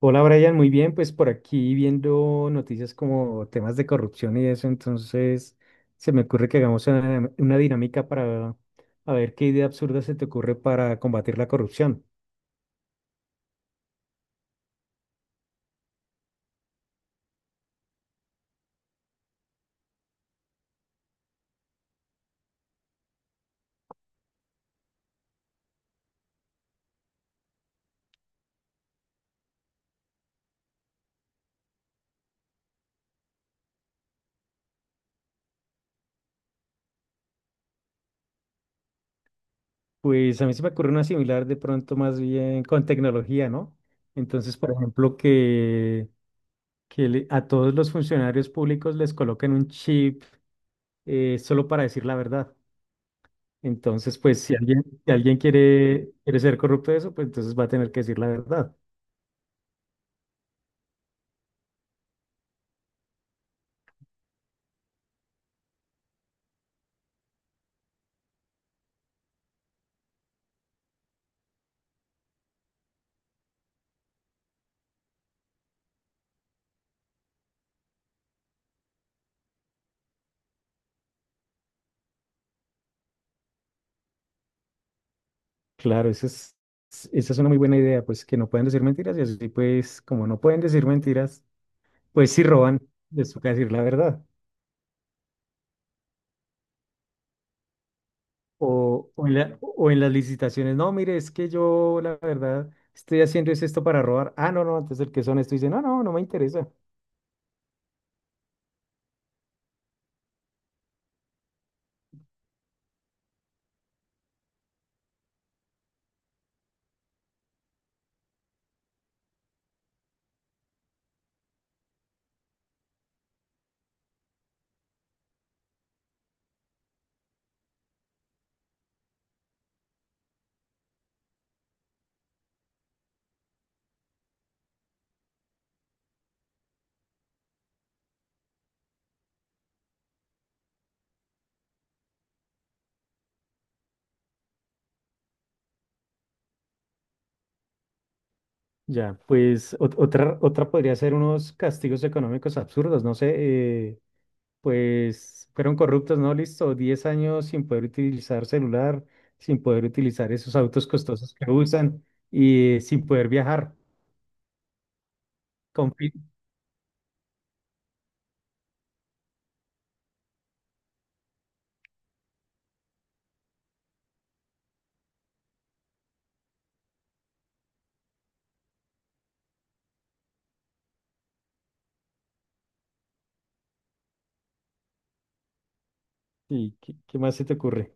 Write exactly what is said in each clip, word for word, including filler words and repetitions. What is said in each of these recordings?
Hola Brian, muy bien, pues por aquí viendo noticias como temas de corrupción y eso. Entonces se me ocurre que hagamos una, una dinámica para a ver qué idea absurda se te ocurre para combatir la corrupción. Pues a mí se me ocurre una similar, de pronto más bien con tecnología, ¿no? Entonces, por ejemplo, que, que le- a todos los funcionarios públicos les coloquen un chip, eh, solo para decir la verdad. Entonces, pues si alguien, si alguien quiere, quiere ser corrupto de eso, pues entonces va a tener que decir la verdad. Claro, esa es, esa es una muy buena idea, pues que no pueden decir mentiras, y así, pues como no pueden decir mentiras, pues si roban, les toca decir la verdad. O, o en la- o en las licitaciones, no, mire, es que yo la verdad estoy haciendo es esto para robar. Ah, no, no, entonces el que es honesto dice, no, no, no me interesa. Ya, pues ot- otra, otra podría ser unos castigos económicos absurdos, no sé, eh, pues fueron corruptos, ¿no? Listo, diez años sin poder utilizar celular, sin poder utilizar esos autos costosos que usan, y eh, sin poder viajar. Con... fi- ¿Y qué, qué más se te ocurre?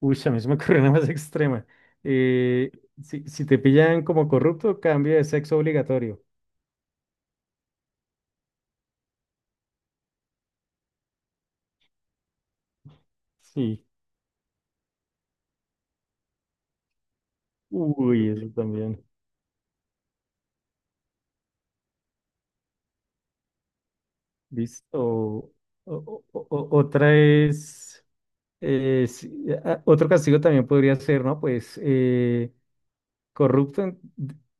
Uy, a mí se me ocurre una más extrema. Eh, si, si te pillan como corrupto, cambio de sexo obligatorio. Sí. Uy, eso también. Listo. O- o- o- otra es, eh, si- a- otro castigo también podría ser, ¿no? Pues eh, Corrupto, en-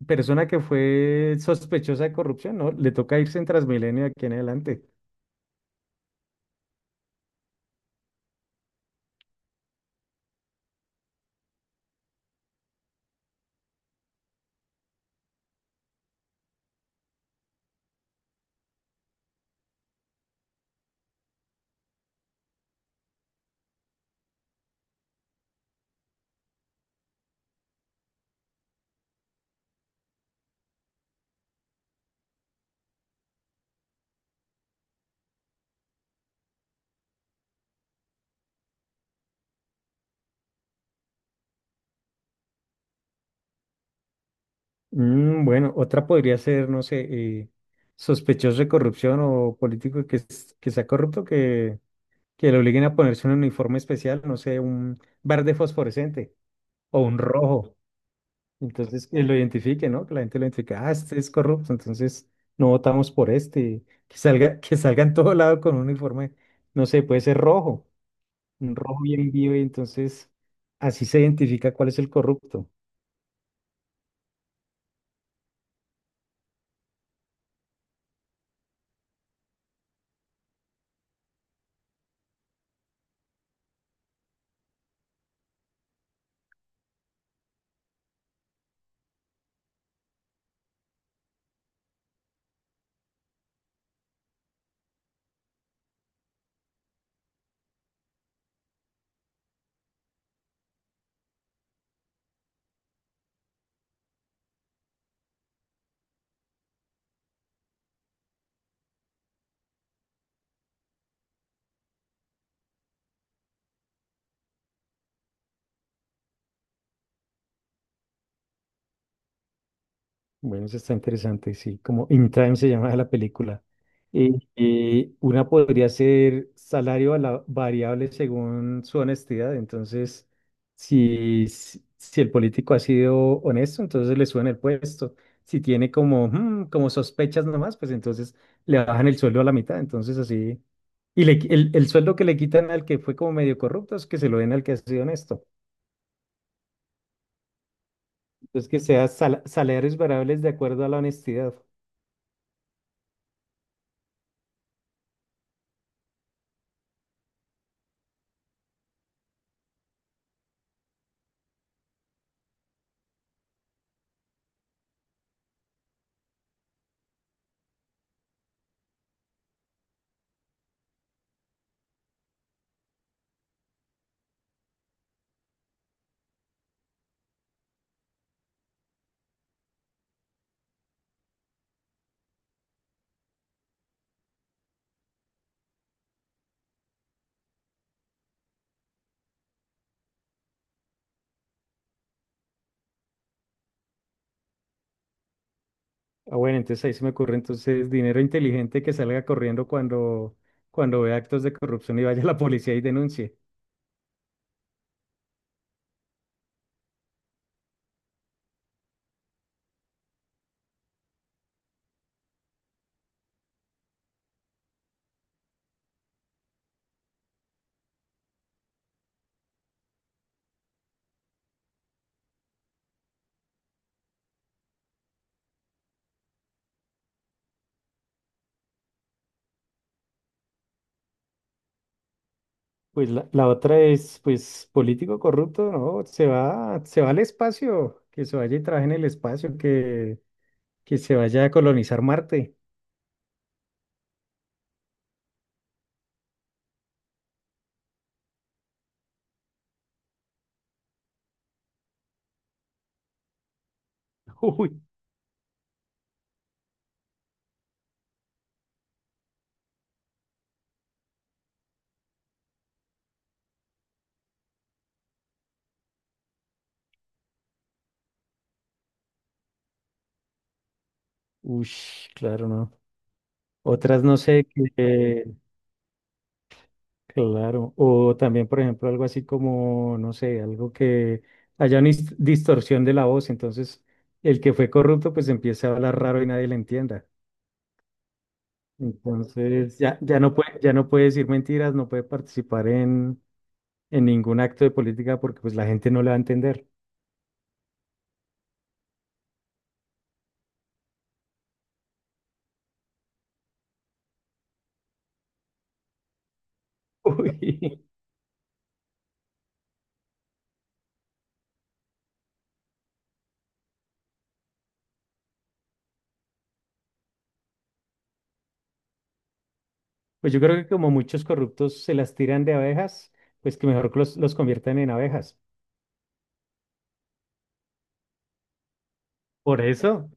persona que fue sospechosa de corrupción, ¿no? Le toca irse en Transmilenio de aquí en adelante. Mm, bueno, otra podría ser, no sé, eh, sospechoso de corrupción o político que, es- que sea corrupto, que, que le obliguen a ponerse un uniforme especial, no sé, un verde fosforescente o un rojo. Entonces, que lo identifique, ¿no? Que la gente lo identifique, ah, este es corrupto, entonces no votamos por este. Que salga, que salga en todo lado con un uniforme, no sé, puede ser rojo. Un rojo bien vivo, y entonces así se identifica cuál es el corrupto. Bueno, eso está interesante, sí, como In Time se llama la película. Eh, eh, una podría ser salario a la variable según su honestidad. Entonces, si, si si el político ha sido honesto, entonces le suben el puesto. Si tiene como, mm, como sospechas nomás, pues entonces le bajan el sueldo a la mitad, entonces así. Y le qui- el, el sueldo que le quitan al que fue como medio corrupto es que se lo den al que ha sido honesto. Entonces, que sea sal- salarios variables de acuerdo a la honestidad. Ah, bueno, entonces ahí se me ocurre entonces dinero inteligente que salga corriendo cuando, cuando vea actos de corrupción y vaya a la policía y denuncie. Pues la, la otra es, pues, político corrupto, ¿no? Se va, se va al espacio, que se vaya y trabaje en el espacio, que, que se vaya a colonizar Marte. Uy, ush, claro, ¿no? Otras no sé, que claro, o también, por ejemplo, algo así como, no sé, algo que haya una dis- distorsión de la voz, entonces el que fue corrupto pues empieza a hablar raro y nadie le entienda. Entonces ya, ya no puede, ya no puede decir mentiras, no puede participar en, en ningún acto de política porque pues la gente no le va a entender. Uy, pues yo creo que como muchos corruptos se las tiran de abejas, pues que mejor que los, los conviertan en abejas. Por eso,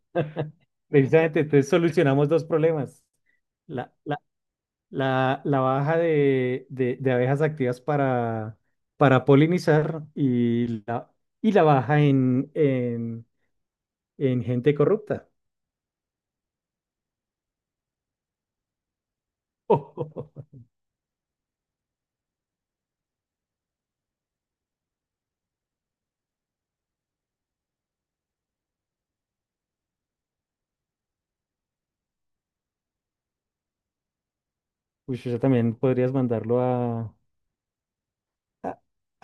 precisamente, entonces solucionamos dos problemas. La, la baja de, de- de abejas activas para, para polinizar, y la, y la baja en, en, en gente corrupta. Uy, eso también podrías mandarlo a, a,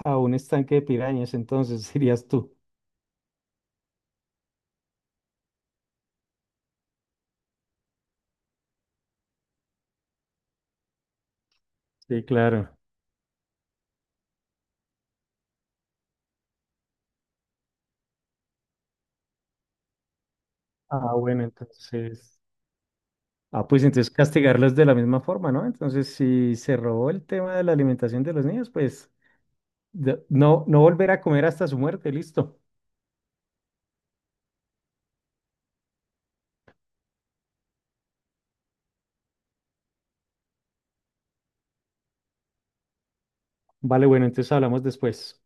a un estanque de pirañas, entonces dirías tú. Sí, claro. Ah, bueno, entonces. Ah, pues entonces castigarlos de la misma forma, ¿no? Entonces, si se robó el tema de la alimentación de los niños, pues de- no, no volver a comer hasta su muerte, listo. Vale, bueno, entonces hablamos después.